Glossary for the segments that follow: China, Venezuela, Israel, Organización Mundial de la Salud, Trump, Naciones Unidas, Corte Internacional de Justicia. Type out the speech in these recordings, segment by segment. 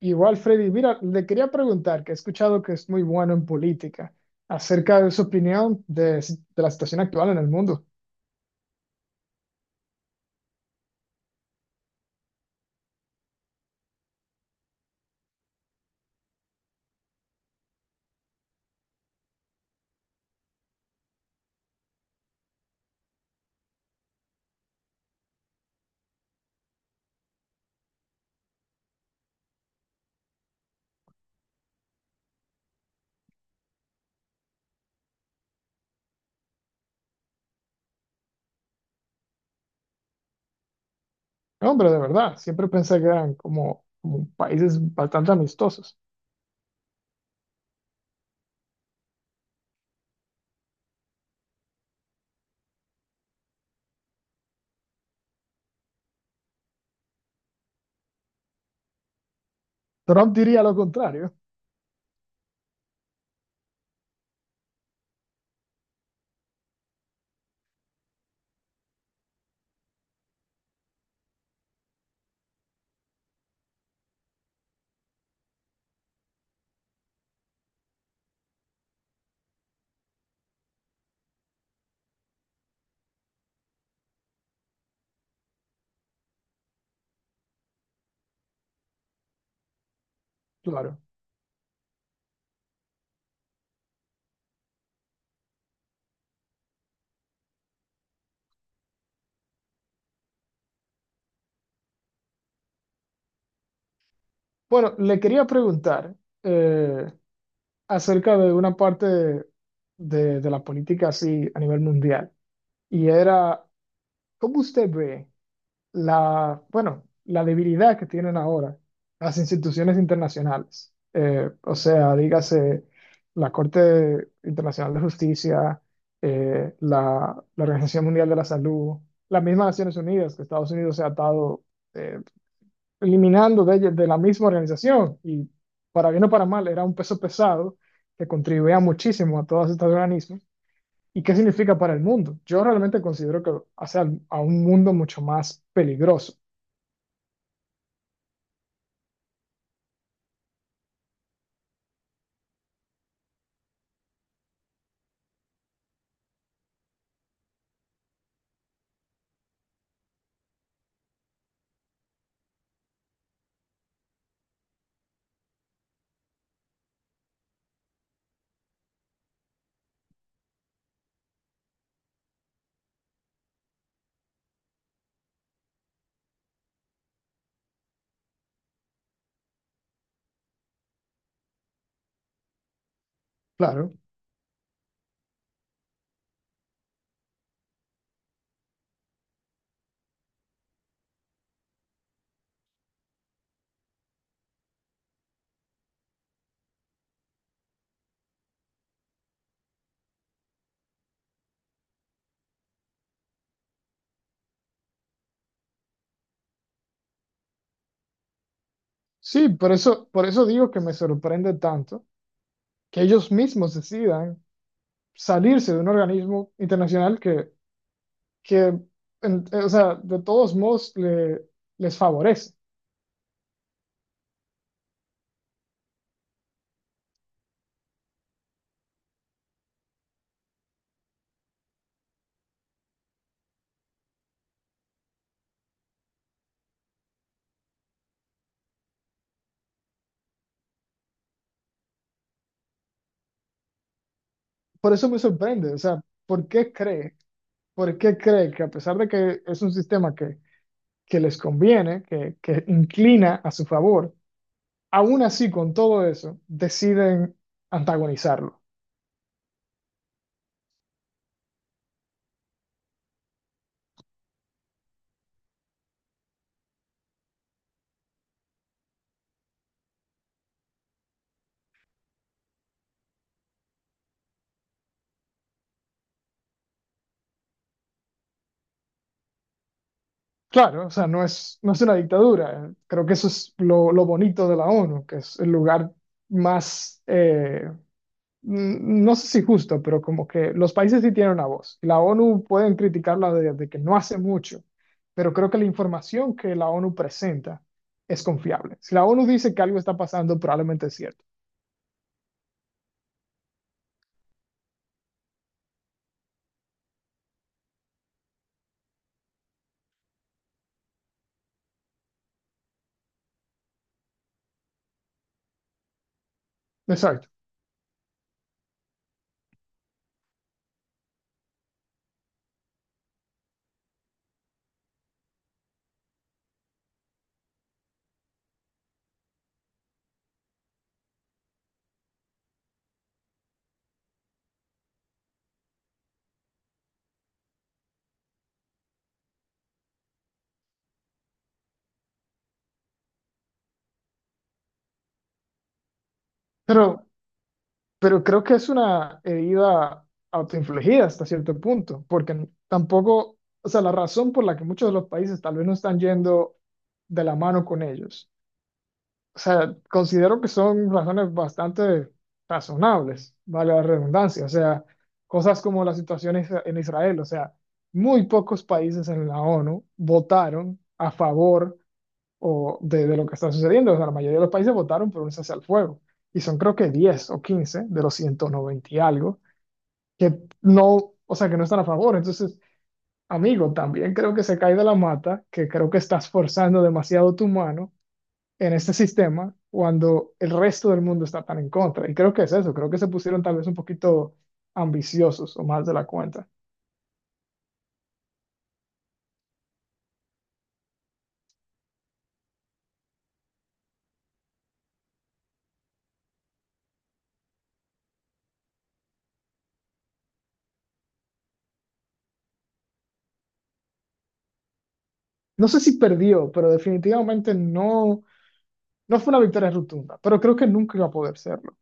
Igual, Freddy, mira, le quería preguntar, que he escuchado que es muy bueno en política, acerca de su opinión de, de la situación actual en el mundo. No, hombre, de verdad, siempre pensé que eran como países bastante amistosos. Trump diría lo contrario, claro. Bueno, le quería preguntar eh, acerca de una parte de la política así a nivel mundial, y era, ¿cómo usted ve la, bueno, la debilidad que tienen ahora las instituciones internacionales? O sea, dígase la Corte Internacional de Justicia, la Organización Mundial de la Salud, las mismas Naciones Unidas, que Estados Unidos se ha atado eh, eliminando de la misma organización. Y para bien o para mal, era un peso pesado que contribuía muchísimo a todos estos organismos. ¿Y qué significa para el mundo? Yo realmente considero que hace a un mundo mucho más peligroso. Claro. Sí, por eso digo que me sorprende tanto que ellos mismos decidan salirse de un organismo internacional que, o sea, de todos modos les favorece. Por eso me sorprende, o sea, ¿por qué cree? ¿Por qué cree que a pesar de que es un sistema que les conviene, que inclina a su favor, aún así con todo eso deciden antagonizarlo? Claro, o sea, no es una dictadura. Creo que eso es lo bonito de la ONU, que es el lugar más, no sé si justo, pero como que los países sí tienen una voz. La ONU pueden criticarla de que no hace mucho, pero creo que la información que la ONU presenta es confiable. Si la ONU dice que algo está pasando, probablemente es cierto. Exacto. Pero Pero creo que es una herida autoinfligida hasta cierto punto, porque tampoco, o sea, la razón por la que muchos de los países tal vez no están yendo de la mano con ellos. O sea, considero que son razones bastante razonables, vale la redundancia. O sea, cosas como la situación en Israel, o sea, muy pocos países en la ONU votaron a favor o de lo que está sucediendo. O sea, la mayoría de los países votaron por un cese al fuego y son creo que 10 o 15 de los 190 y algo que no, o sea, que no están a favor. Entonces, amigo, también creo que se cae de la mata, que creo que estás forzando demasiado tu mano en este sistema cuando el resto del mundo está tan en contra. Y creo que es eso, creo que se pusieron tal vez un poquito ambiciosos o más de la cuenta. No sé si perdió, pero definitivamente no, no fue una victoria rotunda, pero creo que nunca iba a poder serlo.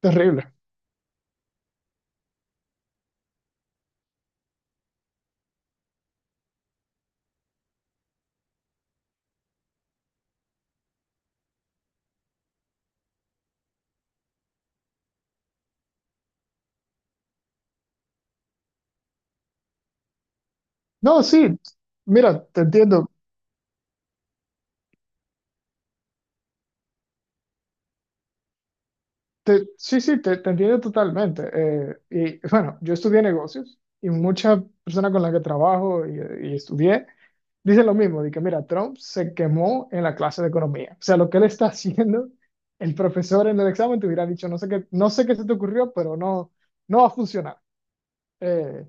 Terrible. No, sí, mira, te entiendo. Sí, sí, te entiendo totalmente. Y bueno, yo estudié negocios y muchas personas con las que trabajo y estudié dicen lo mismo, de que mira, Trump se quemó en la clase de economía. O sea, lo que él está haciendo, el profesor en el examen te hubiera dicho, no sé qué, no sé qué se te ocurrió, pero no, no va a funcionar. Eh,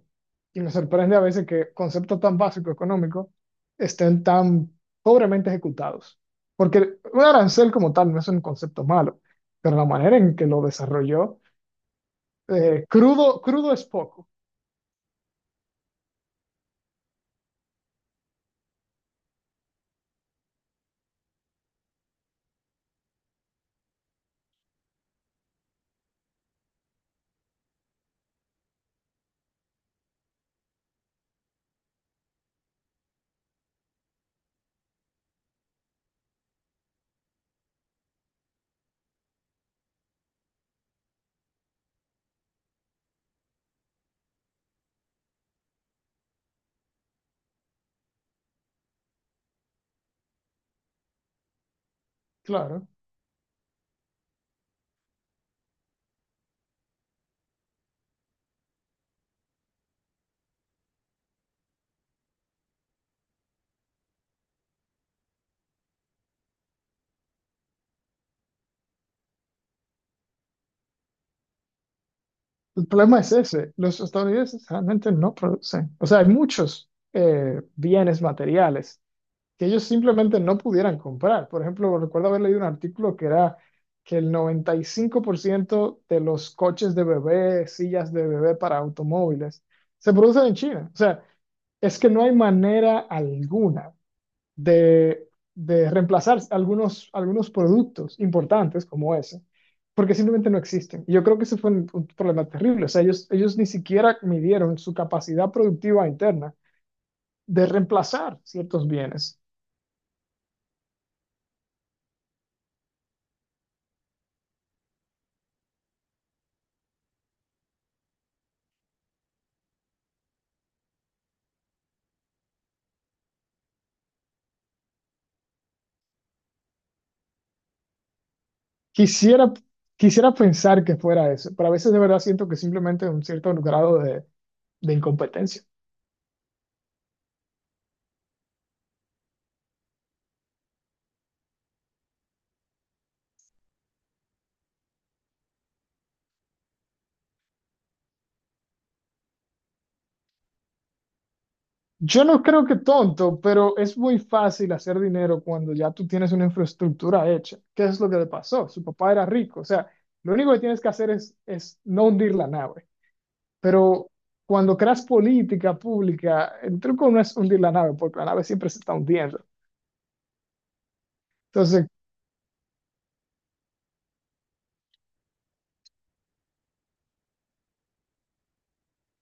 y me sorprende a veces que conceptos tan básicos económicos estén tan pobremente ejecutados. Porque un arancel como tal no es un concepto malo, pero la manera en que lo desarrolló, crudo, crudo es poco, claro. El problema es ese, los estadounidenses realmente no producen. O sea, hay muchos bienes materiales que ellos simplemente no pudieran comprar. Por ejemplo, recuerdo haber leído un artículo que era que el 95% de los coches de bebé, sillas de bebé para automóviles, se producen en China. O sea, es que no hay manera alguna de, de reemplazar algunos productos importantes como ese, porque simplemente no existen. Y yo creo que ese fue un problema terrible. O sea, ellos ni siquiera midieron su capacidad productiva interna de reemplazar ciertos bienes. Quisiera, quisiera pensar que fuera eso, pero a veces de verdad siento que simplemente un cierto grado de incompetencia. Yo no creo que tonto, pero es muy fácil hacer dinero cuando ya tú tienes una infraestructura hecha. ¿Qué es lo que le pasó? Su papá era rico, o sea, lo único que tienes que hacer es no hundir la nave. Pero cuando creas política pública, el truco no es hundir la nave, porque la nave siempre se está hundiendo. Entonces,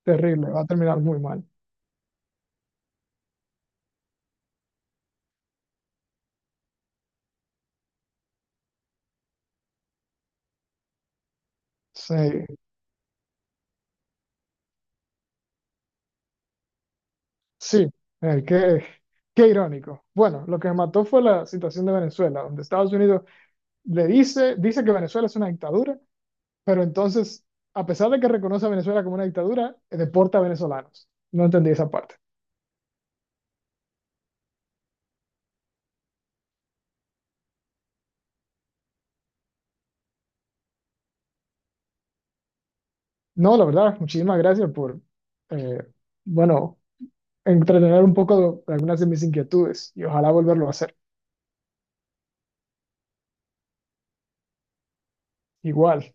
terrible, va a terminar muy mal. Sí. Sí, eh, qué, qué irónico. Bueno, lo que me mató fue la situación de Venezuela, donde Estados Unidos dice que Venezuela es una dictadura, pero entonces, a pesar de que reconoce a Venezuela como una dictadura, deporta a venezolanos. No entendí esa parte. No, la verdad, muchísimas gracias por, eh, bueno, entretener un poco de algunas de mis inquietudes y ojalá volverlo a hacer. Igual.